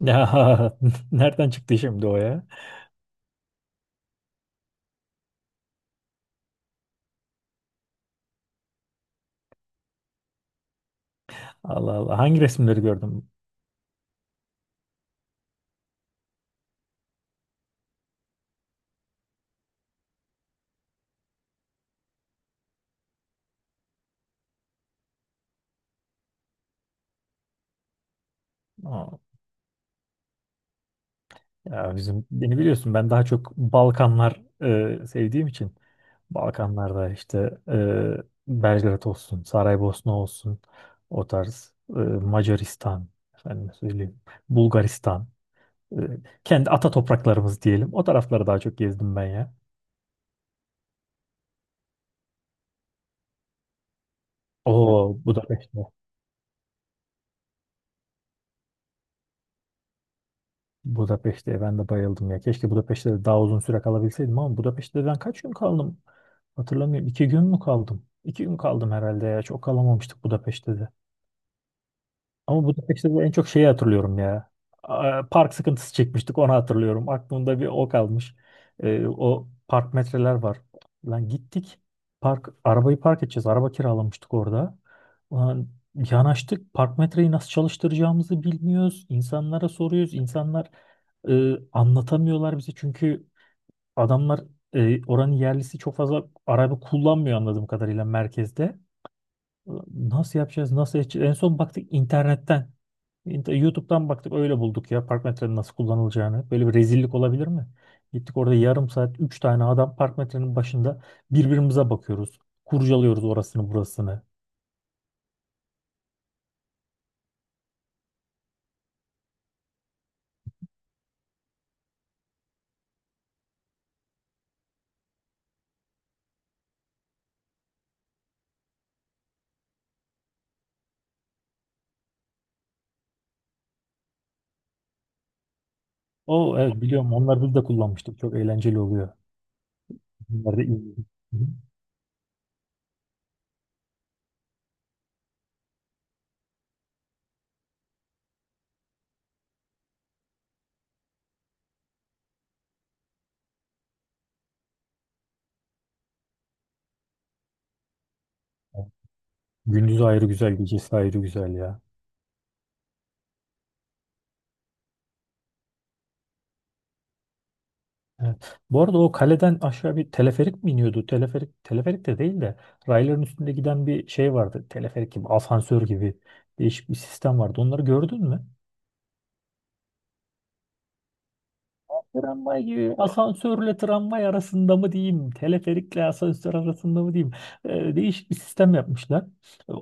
Ya nereden çıktı şimdi o ya? Allah Allah. Hangi resimleri gördüm? Aa, Ya bizim, beni biliyorsun, ben daha çok Balkanlar, sevdiğim için Balkanlarda işte, e, Belgrad olsun, Saraybosna olsun, o tarz, Macaristan, efendim söyleyeyim, Bulgaristan, e, kendi ata topraklarımız diyelim. O tarafları daha çok gezdim ben ya. Oo, Budapeşte. Budapeşte'ye ben de bayıldım ya. Keşke Budapeşte'de de daha uzun süre kalabilseydim, ama Budapeşte'de ben kaç gün kaldım? Hatırlamıyorum. 2 gün mü kaldım? 2 gün kaldım herhalde ya. Çok kalamamıştık Budapeşte'de. Ama Budapeşte'de en çok şeyi hatırlıyorum ya. Park sıkıntısı çekmiştik, onu hatırlıyorum. Aklımda bir o kalmış. O park metreler var. Lan gittik. Park, arabayı park edeceğiz. Araba kiralamıştık orada. Ulan, yanaştık. Park metreyi nasıl çalıştıracağımızı bilmiyoruz. İnsanlara soruyoruz. İnsanlar anlatamıyorlar bize, çünkü adamlar, oranın yerlisi çok fazla araba kullanmıyor anladığım kadarıyla merkezde. Nasıl yapacağız? Nasıl edeceğiz? En son baktık internetten. YouTube'dan baktık, öyle bulduk ya park metrenin nasıl kullanılacağını. Böyle bir rezillik olabilir mi? Gittik orada yarım saat 3 tane adam park metrenin başında birbirimize bakıyoruz. Kurcalıyoruz orasını burasını. O, evet, biliyorum, onlar biz de kullanmıştık. Çok eğlenceli oluyor. Bunlar da iyi. Hı hı. Gündüz ayrı güzel, gecesi ayrı güzel ya. Evet. Bu arada o kaleden aşağı bir teleferik mi iniyordu? Teleferik, teleferik de değil de rayların üstünde giden bir şey vardı. Teleferik gibi, asansör gibi, değişik bir sistem vardı. Onları gördün mü? Tramvay, asansörle tramvay arasında mı diyeyim? Teleferikle asansör arasında mı diyeyim? Değişik bir sistem yapmışlar.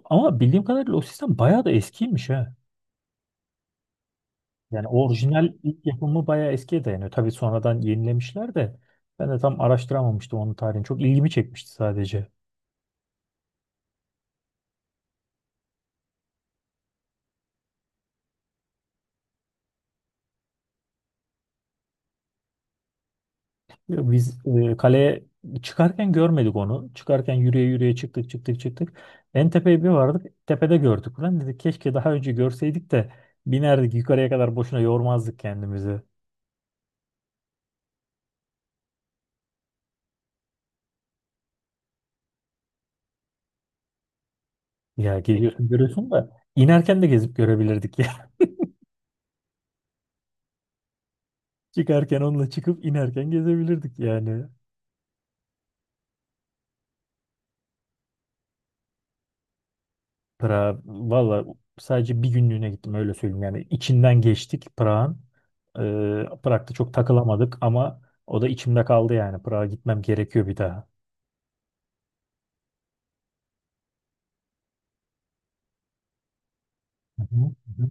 Ama bildiğim kadarıyla o sistem bayağı da eskiymiş ha. Yani orijinal ilk yapımı bayağı eskiye dayanıyor. Tabii sonradan yenilemişler de ben de tam araştıramamıştım onun tarihini. Çok ilgimi çekmişti sadece. Ya biz, kaleye çıkarken görmedik onu. Çıkarken yürüye yürüye çıktık çıktık çıktık. En tepeye bir vardık. Tepede gördük. Lan dedik keşke daha önce görseydik de binerdik yukarıya kadar, boşuna yormazdık kendimizi. Ya geliyorsun görüyorsun da inerken de gezip görebilirdik ya. Çıkarken onunla çıkıp inerken gezebilirdik yani. Prag, valla sadece bir günlüğüne gittim, öyle söyleyeyim yani. İçinden geçtik Prag'ın. Prag'da çok takılamadık, ama o da içimde kaldı yani. Prag'a gitmem gerekiyor bir daha. Hı hı, hı hı,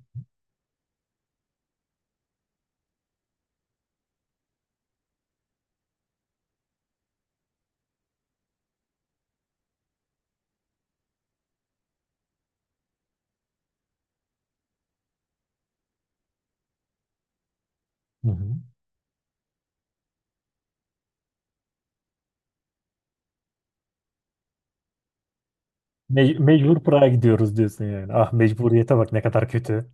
hı hı. Mecbur Prag'a gidiyoruz diyorsun yani. Ah, mecburiyete bak ne kadar kötü.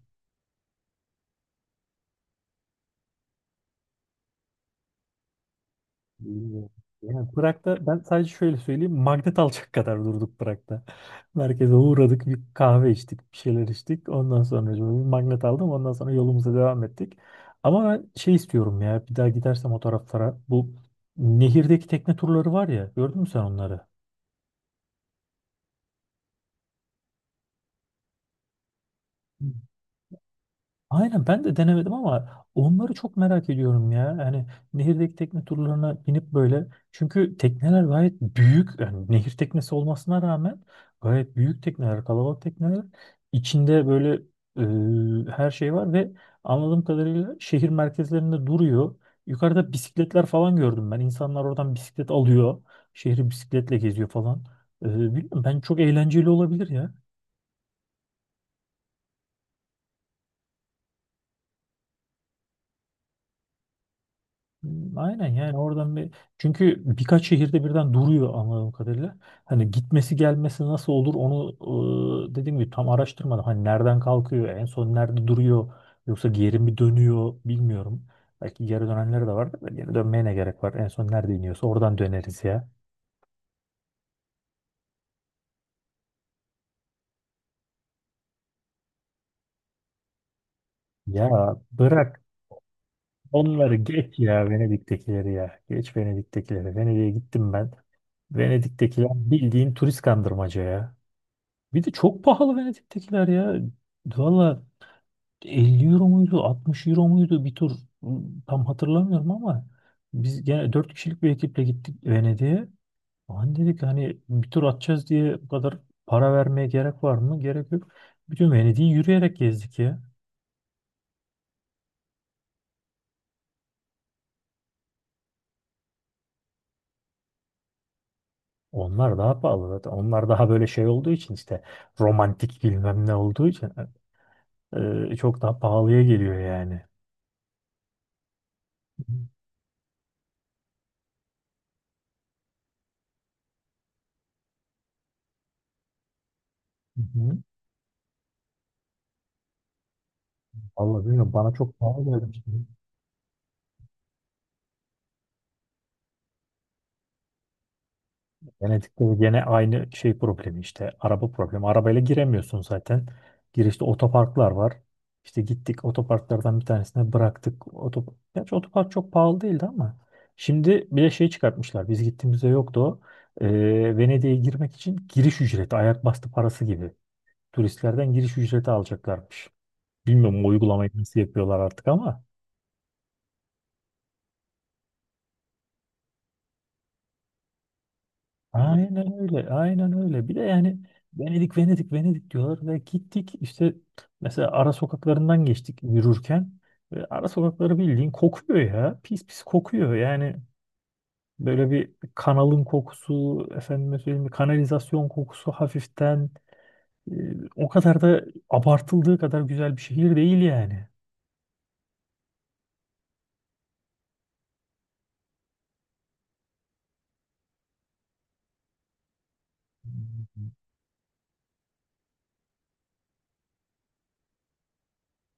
Yani Prag'da ben sadece şöyle söyleyeyim. Magnet alacak kadar durduk Prag'da. Merkeze uğradık, bir kahve içtik, bir şeyler içtik. Ondan sonra bir magnet aldım. Ondan sonra yolumuza devam ettik. Ama ben şey istiyorum ya. Bir daha gidersem o taraflara, bu nehirdeki tekne turları var ya. Gördün mü sen onları? Aynen, ben de denemedim, ama onları çok merak ediyorum ya. Yani nehirdeki tekne turlarına binip böyle. Çünkü tekneler gayet büyük. Yani nehir teknesi olmasına rağmen gayet büyük tekneler, kalabalık tekneler. İçinde böyle her şey var ve anladığım kadarıyla şehir merkezlerinde duruyor. Yukarıda bisikletler falan gördüm ben. İnsanlar oradan bisiklet alıyor. Şehri bisikletle geziyor falan. E, bilmiyorum, ben çok eğlenceli olabilir ya. Hmm, aynen, yani oradan bir, çünkü birkaç şehirde birden duruyor anladığım kadarıyla. Hani gitmesi gelmesi nasıl olur onu, dediğim gibi, tam araştırmadım. Hani nereden kalkıyor, en son nerede duruyor, yoksa geri mi dönüyor, bilmiyorum. Belki geri dönenleri de vardır da geri dönmeye ne gerek var, en son nerede iniyorsa oradan döneriz ya. Ya bırak onları, geç ya Venedik'tekileri, ya geç Venedik'tekileri. Venedik'e gittim ben. Venedik'tekiler bildiğin turist kandırmaca ya. Bir de çok pahalı Venedik'tekiler ya. Valla 50 euro muydu, 60 euro muydu bir tur, tam hatırlamıyorum, ama biz gene 4 kişilik bir ekiple gittik Venedik'e. Lan dedik hani bir tur atacağız diye bu kadar para vermeye gerek var mı? Gerek yok. Bütün Venedik'i yürüyerek gezdik ya. Onlar daha pahalı zaten. Onlar daha böyle şey olduğu için işte, romantik bilmem ne olduğu için, çok daha pahalıya geliyor yani. Hı hı. Vallahi bilmiyorum, bana çok pahalı geldi. Venedik'te de gene aynı şey problemi işte. Araba problemi. Arabayla giremiyorsun zaten. Girişte otoparklar var. İşte gittik otoparklardan bir tanesine bıraktık. Gerçi otopark çok pahalı değildi ama. Şimdi bir de şey çıkartmışlar. Biz gittiğimizde yoktu o. Venedik'e girmek için giriş ücreti, ayak bastı parası gibi. Turistlerden giriş ücreti alacaklarmış. Bilmiyorum bu uygulamayı nasıl yapıyorlar artık ama. Aynen öyle, aynen öyle. Bir de yani Venedik, Venedik, Venedik diyorlar ve gittik işte, mesela ara sokaklarından geçtik yürürken ve ara sokakları bildiğin kokuyor ya. Pis pis kokuyor yani, böyle bir kanalın kokusu, efendime söyleyeyim bir kanalizasyon kokusu hafiften, e, o kadar da abartıldığı kadar güzel bir şehir değil yani.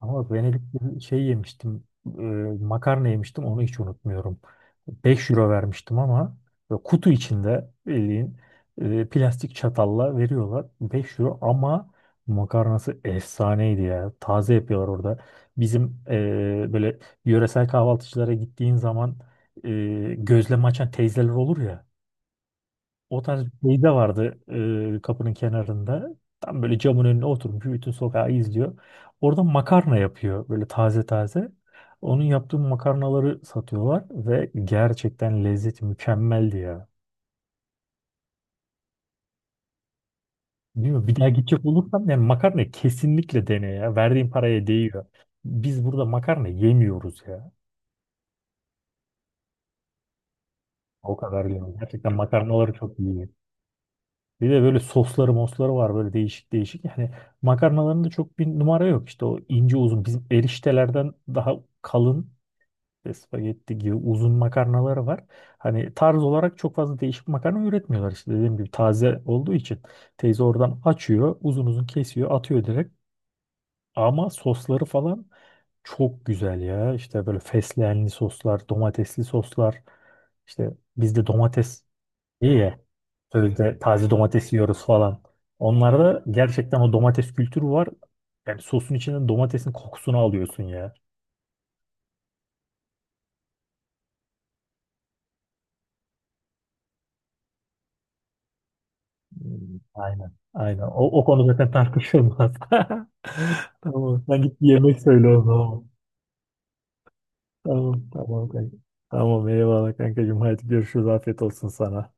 Ama bak, Venedik'te bir şey yemiştim. e, Makarna yemiştim. Onu hiç unutmuyorum. 5 euro vermiştim ama böyle kutu içinde, bildiğin, plastik çatalla veriyorlar. 5 euro, ama makarnası efsaneydi ya. Taze yapıyorlar orada. Bizim, böyle yöresel kahvaltıcılara gittiğin zaman, e, gözleme açan teyzeler olur ya. O tarz bir şey de vardı, kapının kenarında. Tam böyle camın önüne oturmuş bütün sokağı izliyor. Orada makarna yapıyor böyle taze taze. Onun yaptığı makarnaları satıyorlar ve gerçekten lezzeti mükemmeldi ya. Bilmiyorum, bir daha gidecek olursam yani makarna kesinlikle dene ya. Verdiğin paraya değiyor. Biz burada makarna yemiyoruz ya. O kadar yani. Gerçekten makarnaları çok iyi. Bir de böyle sosları mosları var, böyle değişik değişik. Yani makarnalarında çok bir numara yok. İşte o ince uzun bizim eriştelerden daha kalın ve spagetti gibi uzun makarnaları var. Hani tarz olarak çok fazla değişik makarna üretmiyorlar. İşte dediğim gibi taze olduğu için teyze oradan açıyor, uzun uzun kesiyor, atıyor direkt. Ama sosları falan çok güzel ya. İşte böyle fesleğenli soslar, domatesli soslar. İşte bizde domates, İyi ya. Sözde taze domates yiyoruz falan. Onlarda gerçekten o domates kültürü var. Yani sosun içinden domatesin kokusunu alıyorsun ya. Hmm. Aynen. Aynen. O konu zaten tartışılmaz. Tamam. Sen git yemek söyle o zaman. Tamam. Tamam kanka. Tamam eyvallah kankacığım. Hadi görüşürüz. Afiyet olsun sana.